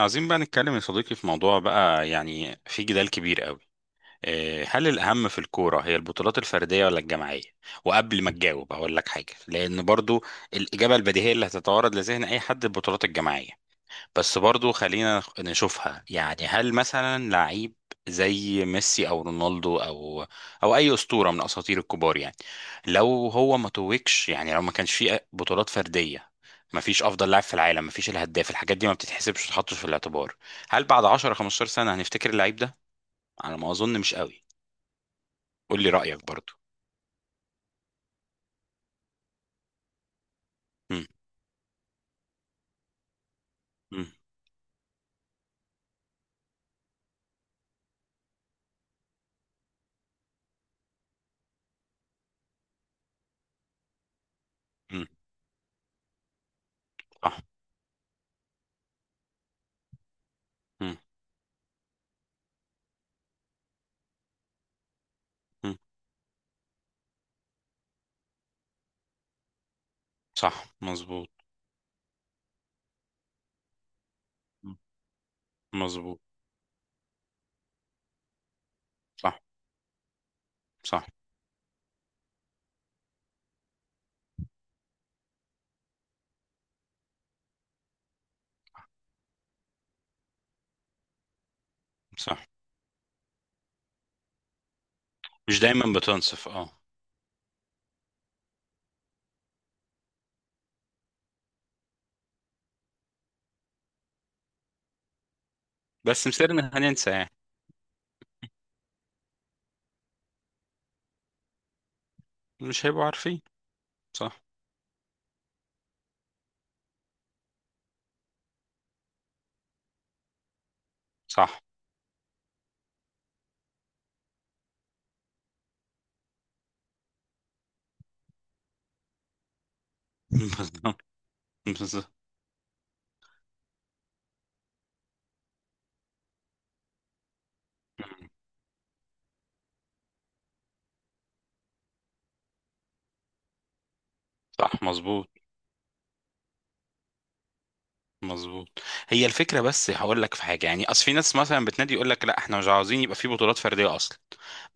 عايزين بقى نتكلم يا صديقي في موضوع بقى يعني في جدال كبير قوي. هل الأهم في الكورة هي البطولات الفردية ولا الجماعية؟ وقبل ما تجاوب هقول لك حاجة، لأن برضو الإجابة البديهية اللي هتتوارد لذهن أي حد البطولات الجماعية. بس برضو خلينا نشوفها، يعني هل مثلا لعيب زي ميسي او رونالدو او اي اسطوره من اساطير الكبار، يعني لو هو ما توجش، يعني لو ما كانش فيه بطولات فرديه، ما فيش افضل لاعب في العالم، ما فيش الهداف، الحاجات دي ما بتتحسبش وتتحطش في الاعتبار. هل بعد 10 15 سنه هنفتكر اللعيب ده؟ على ما اظن مش قوي. قول لي رايك برضو. مم. مم. مم. صح. مم. مم. صح مظبوط. مم. مظبوط. صح. صح. صح، مش دايما بتنصف، اه. بس مسيرنا هننسى يعني. مش هيبقوا عارفين. صح. صح. بالظبط. بالظبط. صح مظبوط. مظبوط. هي الفكره، بس هقول لك في حاجه، يعني اصل في ناس مثلا بتنادي يقول لك لا احنا مش عاوزين يبقى في بطولات فرديه اصلا.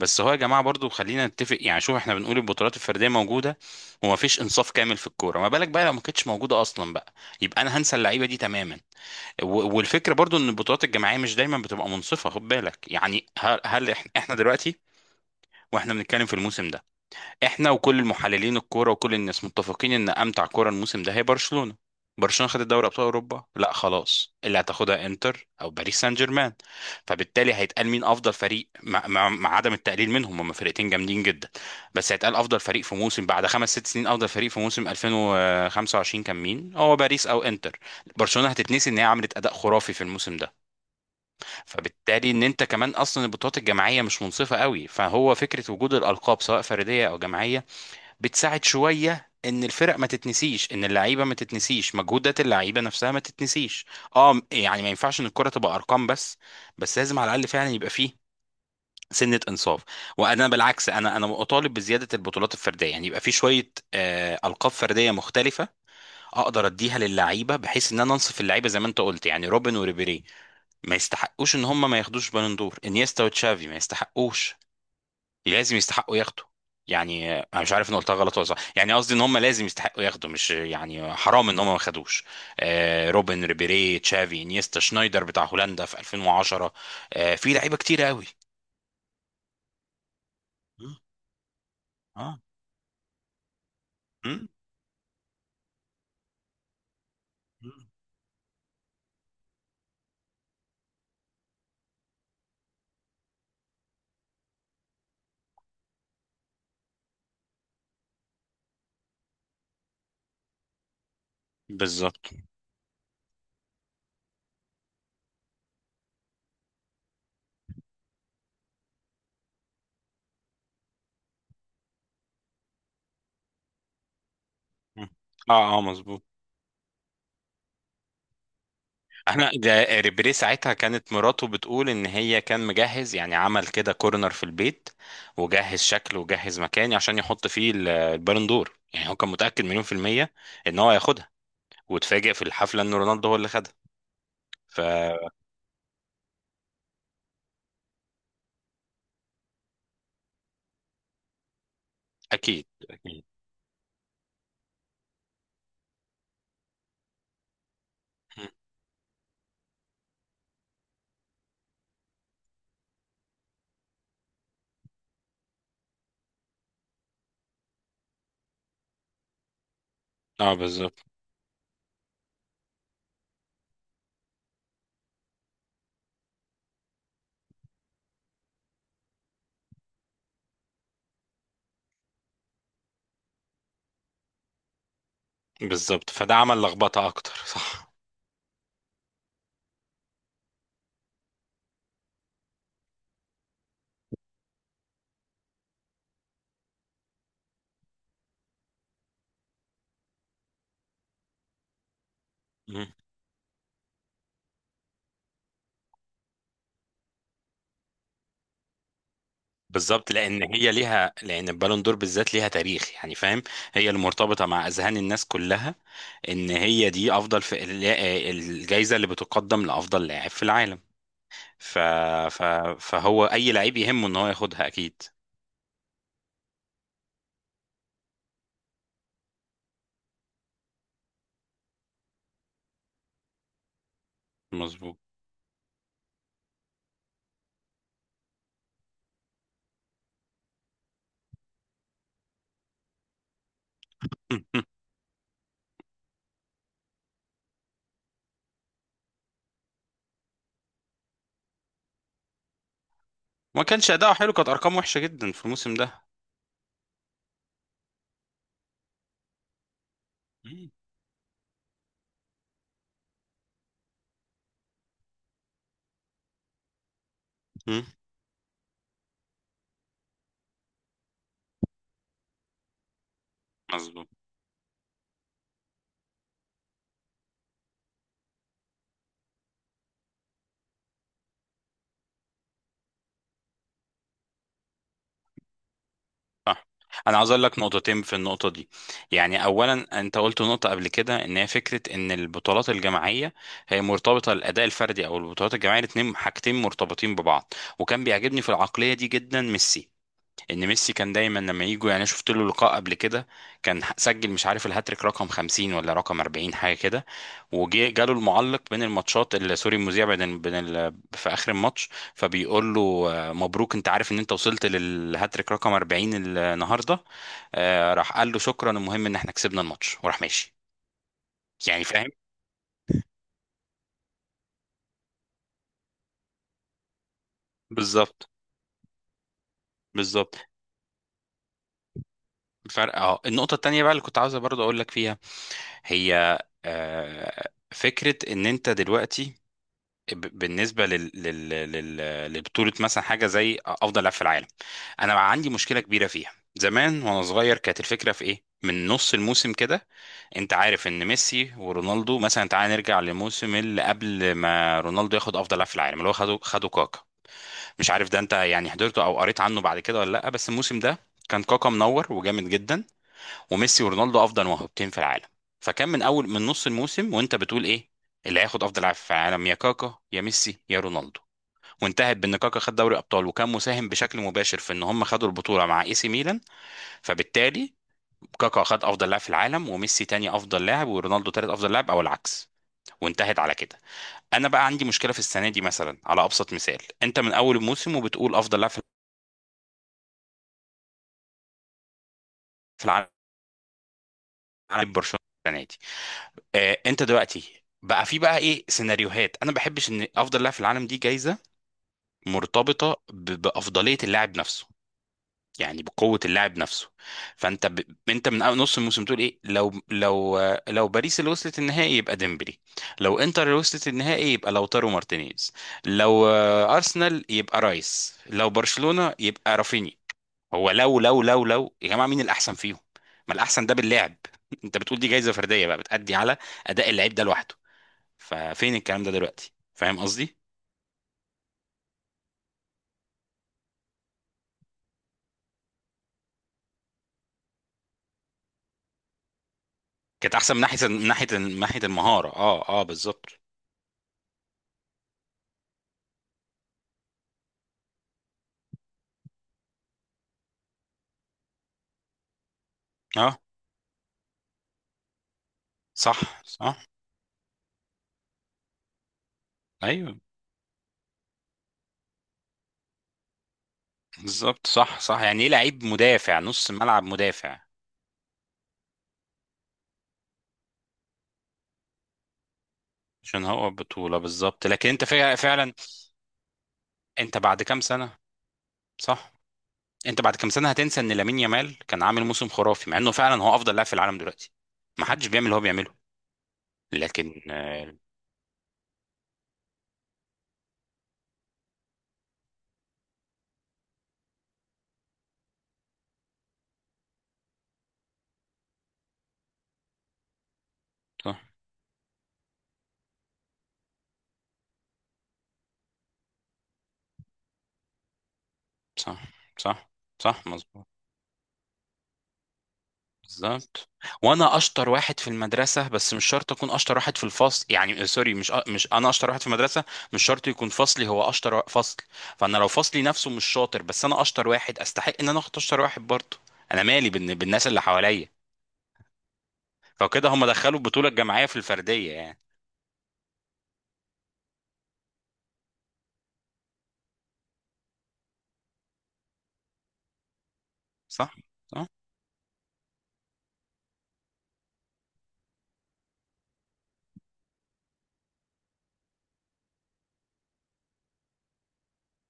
بس هو يا جماعه برضو خلينا نتفق، يعني شوف احنا بنقول البطولات الفرديه موجوده وما فيش انصاف كامل في الكوره، ما بالك بقى لو ما كانتش موجوده اصلا بقى، يبقى انا هنسى اللعيبه دي تماما. والفكره برضو ان البطولات الجماعيه مش دايما بتبقى منصفه. خد بالك، يعني هل احنا دلوقتي، واحنا بنتكلم في الموسم ده، احنا وكل المحللين الكوره وكل الناس متفقين ان امتع كوره الموسم ده هي برشلونه. برشلونه خدت دوري ابطال اوروبا؟ لا، خلاص اللي هتاخدها انتر او باريس سان جيرمان. فبالتالي هيتقال مين افضل فريق، مع عدم التقليل منهم، هم فرقتين جامدين جدا. بس هيتقال افضل فريق في موسم، بعد خمس ست سنين افضل فريق في موسم 2025 كان مين؟ هو باريس او انتر؟ برشلونه هتتنسي ان هي عملت اداء خرافي في الموسم ده. فبالتالي ان انت كمان اصلا البطولات الجماعيه مش منصفه قوي، فهو فكره وجود الالقاب سواء فرديه او جماعيه بتساعد شويه ان الفرق ما تتنسيش، ان اللعيبه ما تتنسيش، مجهودات اللعيبه نفسها ما تتنسيش. اه، يعني ما ينفعش ان الكره تبقى ارقام بس، بس لازم على الاقل فعلا يبقى فيه سنه انصاف. وانا بالعكس انا اطالب بزياده البطولات الفرديه، يعني يبقى في شويه القاب فرديه مختلفه اقدر اديها للعيبه، بحيث ان انا انصف اللعيبه. زي ما انت قلت يعني روبن وريبيري ما يستحقوش ان هم ما ياخدوش بالون دور، انيستا وتشافي ما يستحقوش، لازم يستحقوا ياخدوا. يعني انا مش عارف ان قلتها غلط ولا صح، يعني قصدي ان هم لازم يستحقوا ياخدوا، مش يعني حرام ان هم ما خدوش. آه، روبن، ريبيري، تشافي، انيستا، شنايدر بتاع هولندا في 2010، آه في لعيبه كتير قوي. مم. اه. مم. مم. بالظبط. مم. اه اه مظبوط. احنا ده ريبيري ساعتها كانت مراته بتقول ان هي كان مجهز، يعني عمل كده كورنر في البيت وجهز شكله وجهز مكاني عشان يحط فيه البالون دور، يعني هو كان متأكد مليون في المية ان هو هياخدها، واتفاجئ في الحفلة ان رونالدو هو اللي خدها، فاكيد. اكيد. مم. اه بالظبط. بالظبط، فده عمل لخبطة اكتر صح. مم. بالظبط، لان هي ليها، لان البالون دور بالذات ليها تاريخ، يعني فاهم، هي اللي مرتبطة مع اذهان الناس كلها، ان هي دي افضل في الجائزة اللي بتقدم لافضل لاعب في العالم. ف... ف... فهو اي لعيب يهمه ان هو ياخدها اكيد. مظبوط. ما كانش اداؤه حلو، كانت ارقام وحشه جدا في الموسم ده. مم. مم. مظبوط. صح. انا عاوز اقول لك نقطتين في النقطه دي. يعني اولا انت قلت نقطه قبل كده ان هي فكره ان البطولات الجماعيه هي مرتبطه الاداء الفردي، او البطولات الجماعيه الاثنين حاجتين مرتبطين ببعض. وكان بيعجبني في العقليه دي جدا ميسي، ان ميسي كان دايما لما يجوا يعني، شفت له لقاء قبل كده، كان سجل مش عارف الهاتريك رقم 50 ولا رقم 40، حاجه كده. وجي جاله المعلق بين الماتشات سوري المذيع في اخر الماتش، فبيقول له مبروك، انت عارف ان انت وصلت للهاتريك رقم 40 النهارده؟ راح قال له شكرا، المهم ان احنا كسبنا الماتش، وراح ماشي، يعني فاهم. بالظبط. بالظبط فرق. اه، النقطه التانيه بقى اللي كنت عاوز برضه اقول لك فيها هي آه، فكره ان انت دلوقتي، بالنسبه لبطوله مثلا حاجه زي افضل لاعب في العالم، انا بقى عندي مشكله كبيره فيها. زمان وانا صغير كانت الفكره في ايه؟ من نص الموسم كده انت عارف ان ميسي ورونالدو مثلا، تعال نرجع للموسم اللي قبل ما رونالدو ياخد افضل لاعب في العالم، اللي هو خده كاكا. مش عارف ده انت يعني حضرته او قريت عنه بعد كده ولا لا، بس الموسم ده كان كاكا منور وجامد جدا، وميسي ورونالدو افضل موهبتين في العالم. فكان من اول من نص الموسم وانت بتقول ايه؟ اللي هياخد افضل لاعب في العالم، يا كاكا يا ميسي يا رونالدو. وانتهت بان كاكا خد دوري ابطال وكان مساهم بشكل مباشر في ان هم خدوا البطوله مع اي سي ميلان. فبالتالي كاكا خد افضل لاعب في العالم، وميسي تاني افضل لاعب، ورونالدو تالت افضل لاعب، او العكس. وانتهت على كده. انا بقى عندي مشكله في السنه دي. مثلا على ابسط مثال، انت من اول الموسم وبتقول افضل لاعب في العالم برشلونه السنه دي. آه، انت دلوقتي بقى في بقى ايه سيناريوهات؟ انا ما بحبش ان افضل لاعب في العالم دي جايزه مرتبطه بافضليه اللاعب نفسه، يعني بقوه اللاعب نفسه. فانت ب... انت من أول نص الموسم تقول ايه؟ لو لو باريس اللي وصلت النهائي يبقى ديمبلي، لو انتر اللي وصلت النهائي يبقى لوتارو مارتينيز، لو ارسنال يبقى رايس، لو برشلونه يبقى رافيني. هو لو يا جماعه مين الاحسن فيهم؟ ما الاحسن ده باللعب انت بتقول دي جايزه فرديه بقى بتأدي على اداء اللعيب ده لوحده، ففين الكلام ده دلوقتي، فاهم قصدي؟ كانت احسن من ناحيه المهاره، اه اه بالظبط. اه. صح. صح. ايوه. بالظبط. صح. صح، يعني ايه لعيب مدافع نص ملعب مدافع؟ عشان هو بطوله، بالظبط. لكن انت فعلا. انت بعد كام سنه؟ صح. انت بعد كام سنه هتنسى ان لامين يامال كان عامل موسم خرافي، مع انه فعلا هو افضل لاعب في العالم دلوقتي، ما حدش بيعمل اللي هو بيعمله، لكن صح. صح. صح. صح مظبوط. بالظبط. وانا اشطر واحد في المدرسه، بس مش شرط اكون اشطر واحد في الفصل، يعني سوري، مش انا اشطر واحد في المدرسه، مش شرط يكون فصلي هو اشطر فصل. فانا لو فصلي نفسه مش شاطر، بس انا اشطر واحد، استحق ان انا اخد اشطر واحد برضه، انا مالي بالناس اللي حواليا. فكده هم دخلوا البطوله الجماعيه في الفرديه يعني. صح. صح.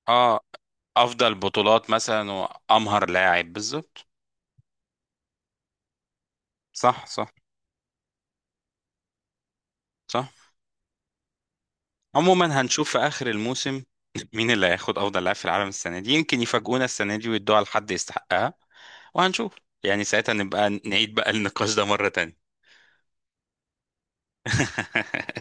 اه. افضل بطولات مثلا، وامهر لاعب، بالظبط. صح. صح. صح. عموما هنشوف في اخر الموسم مين اللي هياخد افضل لاعب في العالم السنه دي، يمكن يفاجئونا السنه دي ويدوها لحد يستحقها. وهنشوف، يعني ساعتها نبقى نعيد بقى النقاش ده مره تانية.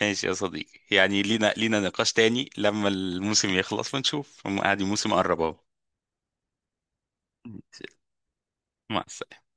ماشي يا صديقي، يعني لينا لينا نقاش تاني لما الموسم يخلص ونشوف، عادي الموسم قرب اهو. مع السلامه.